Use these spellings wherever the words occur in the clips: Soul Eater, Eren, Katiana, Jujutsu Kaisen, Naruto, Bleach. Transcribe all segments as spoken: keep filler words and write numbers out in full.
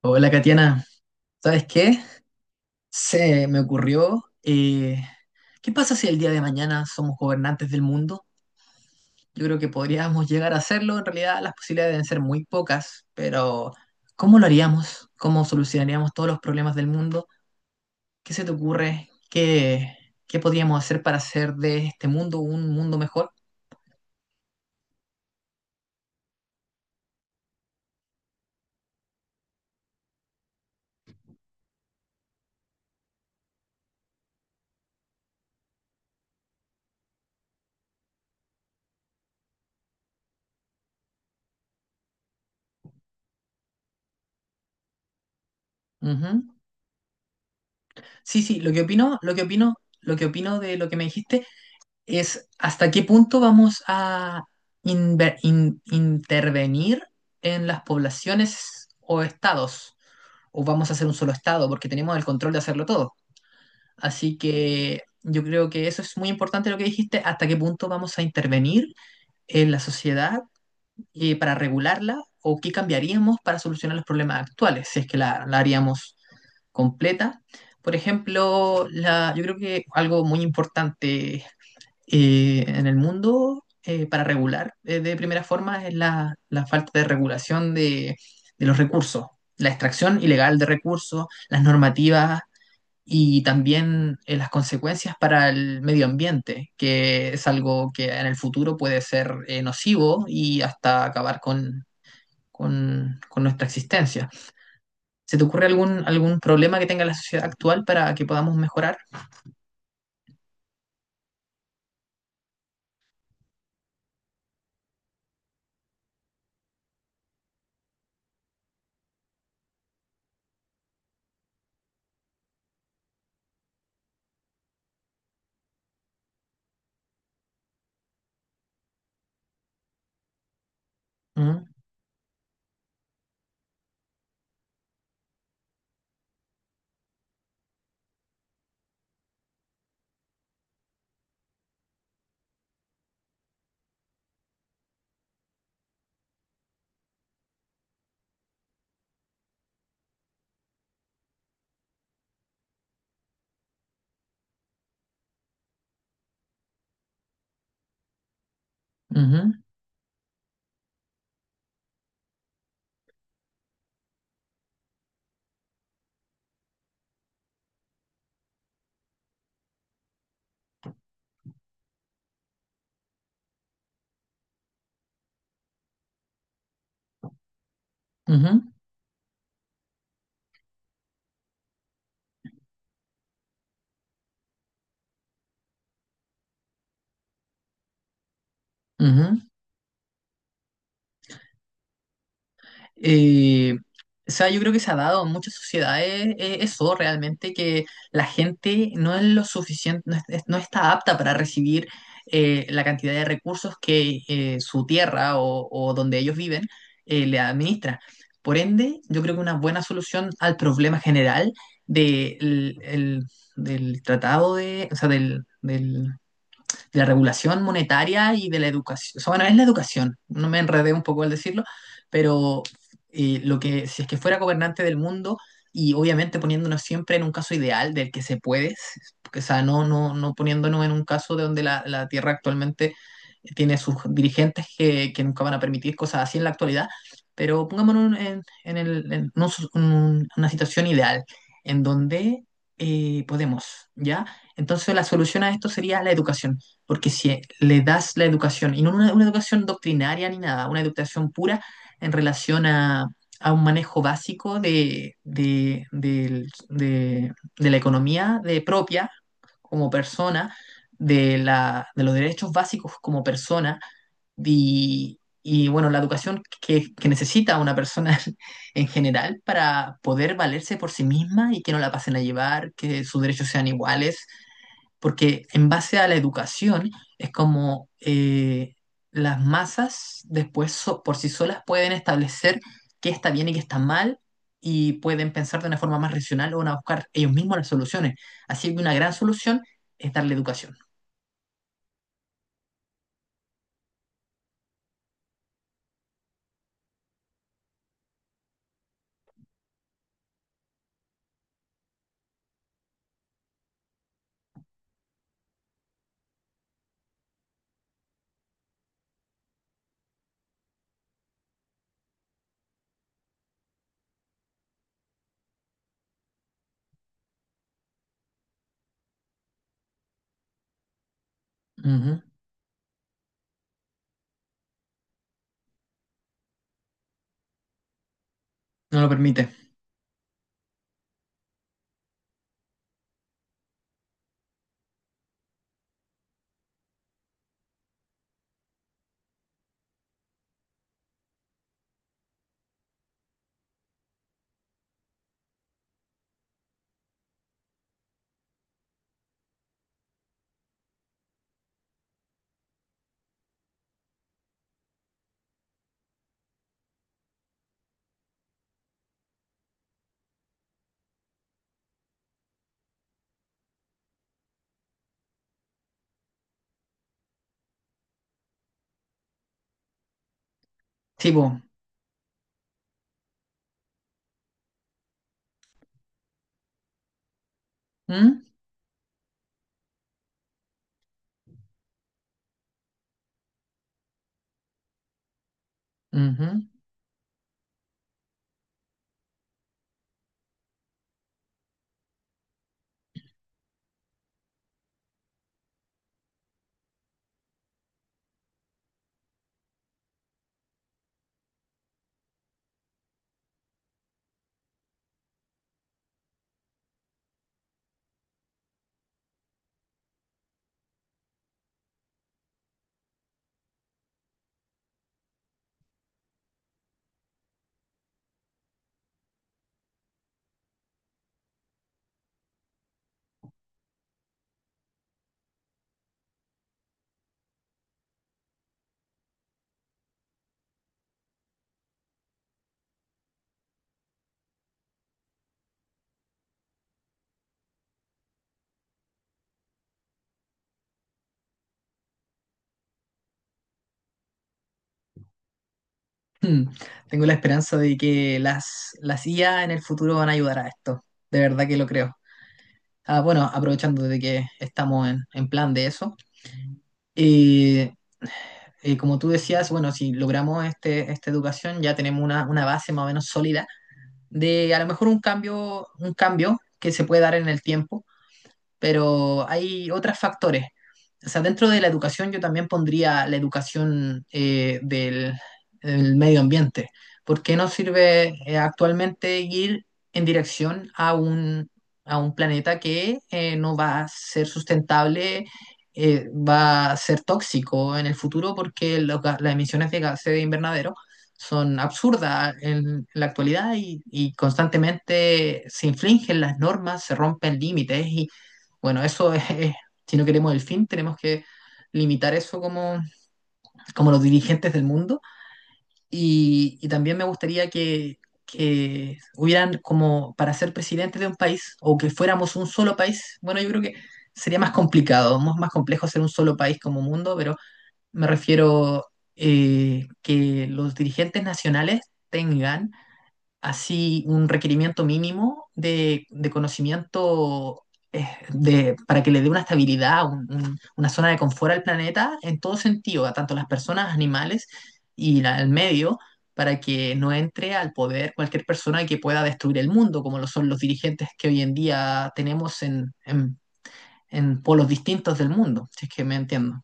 Hola, Katiana. ¿Sabes qué? Se me ocurrió, eh, ¿qué pasa si el día de mañana somos gobernantes del mundo? Yo creo que podríamos llegar a hacerlo. En realidad, las posibilidades deben ser muy pocas, pero ¿cómo lo haríamos? ¿Cómo solucionaríamos todos los problemas del mundo? ¿Qué se te ocurre? ¿Qué, ¿qué podríamos hacer para hacer de este mundo un mundo mejor? Ujú. Sí, sí, lo que opino, lo que opino, lo que opino de lo que me dijiste es hasta qué punto vamos a inver- in- intervenir en las poblaciones o estados, o vamos a hacer un solo estado, porque tenemos el control de hacerlo todo. Así que yo creo que eso es muy importante lo que dijiste, hasta qué punto vamos a intervenir en la sociedad eh, para regularla o qué cambiaríamos para solucionar los problemas actuales, si es que la, la haríamos completa. Por ejemplo, la, yo creo que algo muy importante eh, en el mundo eh, para regular eh, de primera forma es la, la falta de regulación de, de los recursos, la extracción ilegal de recursos, las normativas y también eh, las consecuencias para el medio ambiente, que es algo que en el futuro puede ser eh, nocivo y hasta acabar con, con- con nuestra existencia. ¿Se te ocurre algún, algún problema que tenga la sociedad actual para que podamos mejorar? Mm, ujú, ujú, ujú. Eh, o sea, yo creo que se ha dado en muchas sociedades eh, eso realmente, que la gente no es lo suficiente, no, es- no está apta para recibir eh, la cantidad de recursos que eh, su tierra o, o donde ellos viven eh, le administra. Por ende, yo creo que una buena solución al problema general de el- el- del tratado de, o sea, del, del de la regulación monetaria y de la educación. O sea, bueno, es la educación, no me enredé un poco al decirlo, pero eh, lo que, si es que fuera gobernante del mundo, y obviamente poniéndonos siempre en un caso ideal del que se puede, o sea, no, no, no poniéndonos en un caso de donde la, la Tierra actualmente tiene sus dirigentes que, que, nunca van a permitir cosas así en la actualidad, pero pongámonos en, en, el, en un, un- una situación ideal en donde eh, podemos, ¿ya? Entonces la solución a esto sería la educación. Porque si le das la educación, y no una, una educación doctrinaria ni nada, una educación pura en relación a, a un manejo básico de, de, del- de- de la economía de propia como persona, de, la, de los derechos básicos como persona, y, y, bueno, la educación que, que necesita una persona en general para poder valerse por sí misma y que no la pasen a llevar, que sus derechos sean iguales porque en base a la educación es como eh, las masas después so- por sí solas pueden establecer qué está bien y qué está mal y pueden pensar de una forma más racional o van a buscar ellos mismos las soluciones. Así que una gran solución es darle educación. Ujú. No lo permite. Tipo, ¿mm? Ujú, mm. Tengo la esperanza de que las, las I A en el futuro van a ayudar a esto. De verdad que lo creo. Ah, bueno, aprovechando de que estamos en, en plan de eso. eh, eh, Como tú decías, bueno, si logramos este, esta educación, ya tenemos una, una base más o menos sólida de a lo mejor un cambio, un cambio que se puede dar en el tiempo, pero hay otros factores. O sea, dentro de la educación yo también pondría la educación eh, del, del medio ambiente. ¿Por qué no sirve eh, actualmente ir en dirección a un, a un planeta que eh, no va a ser sustentable, eh, va a ser tóxico en el futuro porque los ga- las emisiones de gases de invernadero son absurdas en la actualidad y, y constantemente se infringen las normas, se rompen límites y, bueno, eso es, es- si no queremos el fin, tenemos que limitar eso como, como los dirigentes del mundo. Y, y también me gustaría que, que hubieran como para ser presidente de un país o que fuéramos un solo país. Bueno, yo creo que sería más complicado, más, más complejo ser un solo país como mundo, pero me refiero eh, que los dirigentes nacionales tengan así un requerimiento mínimo de, de conocimiento eh, de, para que le dé una estabilidad, un- un- una zona de confort al planeta en todo sentido, a tanto las personas, animales y la- el medio, para que no entre al poder cualquier persona que pueda destruir el mundo, como lo son los dirigentes que hoy en día tenemos en, en- en polos distintos del mundo, si es que me entiendo.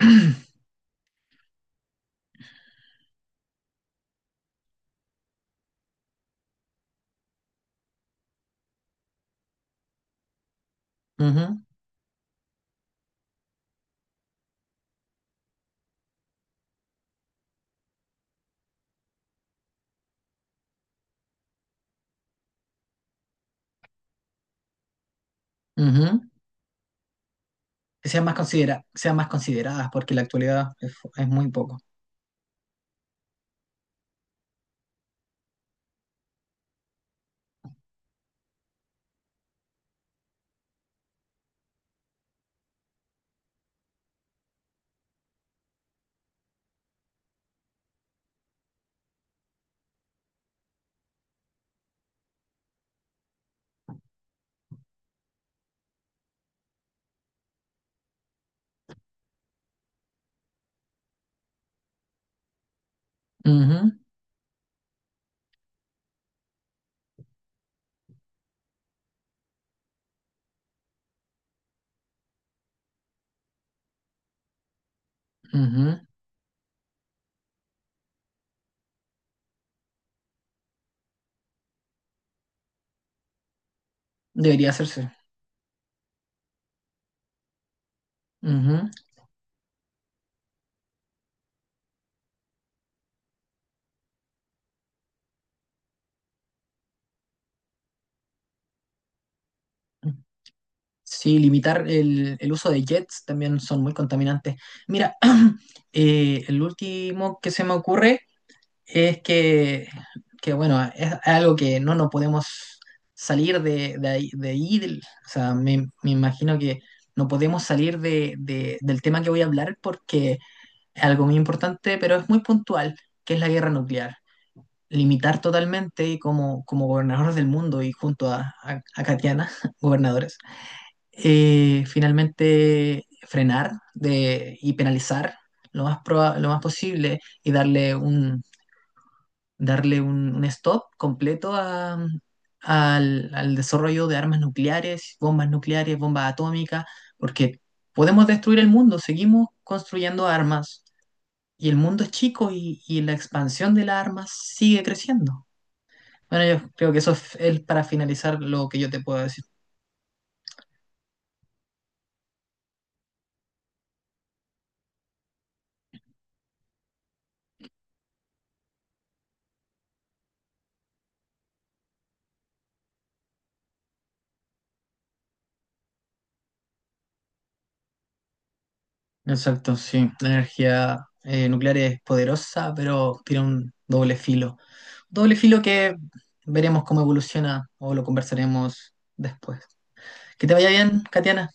Ujú, ujú. Que sean más considera, sean más consideradas, porque en la actualidad es es muy poco. Ujú. Ujú. Debería hacerse. Ujú. Sí, limitar el, el uso de jets también son muy contaminantes. Mira, eh, el último que se me ocurre es que, que, bueno, es algo que no nos podemos salir de, de ahí. de ahí, del- O sea, me, me imagino que no podemos salir de, de- del tema que voy a hablar porque es algo muy importante, pero es muy puntual, que es la guerra nuclear. Limitar totalmente y como, como gobernadores del mundo y junto a, a, a Katiana, gobernadores, eh, finalmente frenar de, y penalizar lo más, proba- lo más posible y darle un, darle un, un stop completo a- al, al desarrollo de armas nucleares, bombas nucleares, bombas atómicas, porque podemos destruir el mundo, seguimos construyendo armas. Y el mundo es chico y, y la expansión de las armas sigue creciendo. Bueno, yo creo que eso es es para finalizar lo que yo te puedo decir. Exacto, sí. La energía eh, nuclear es poderosa, pero tiene un doble filo. Doble filo que veremos cómo evoluciona o lo conversaremos después. Que te vaya bien, Katiana.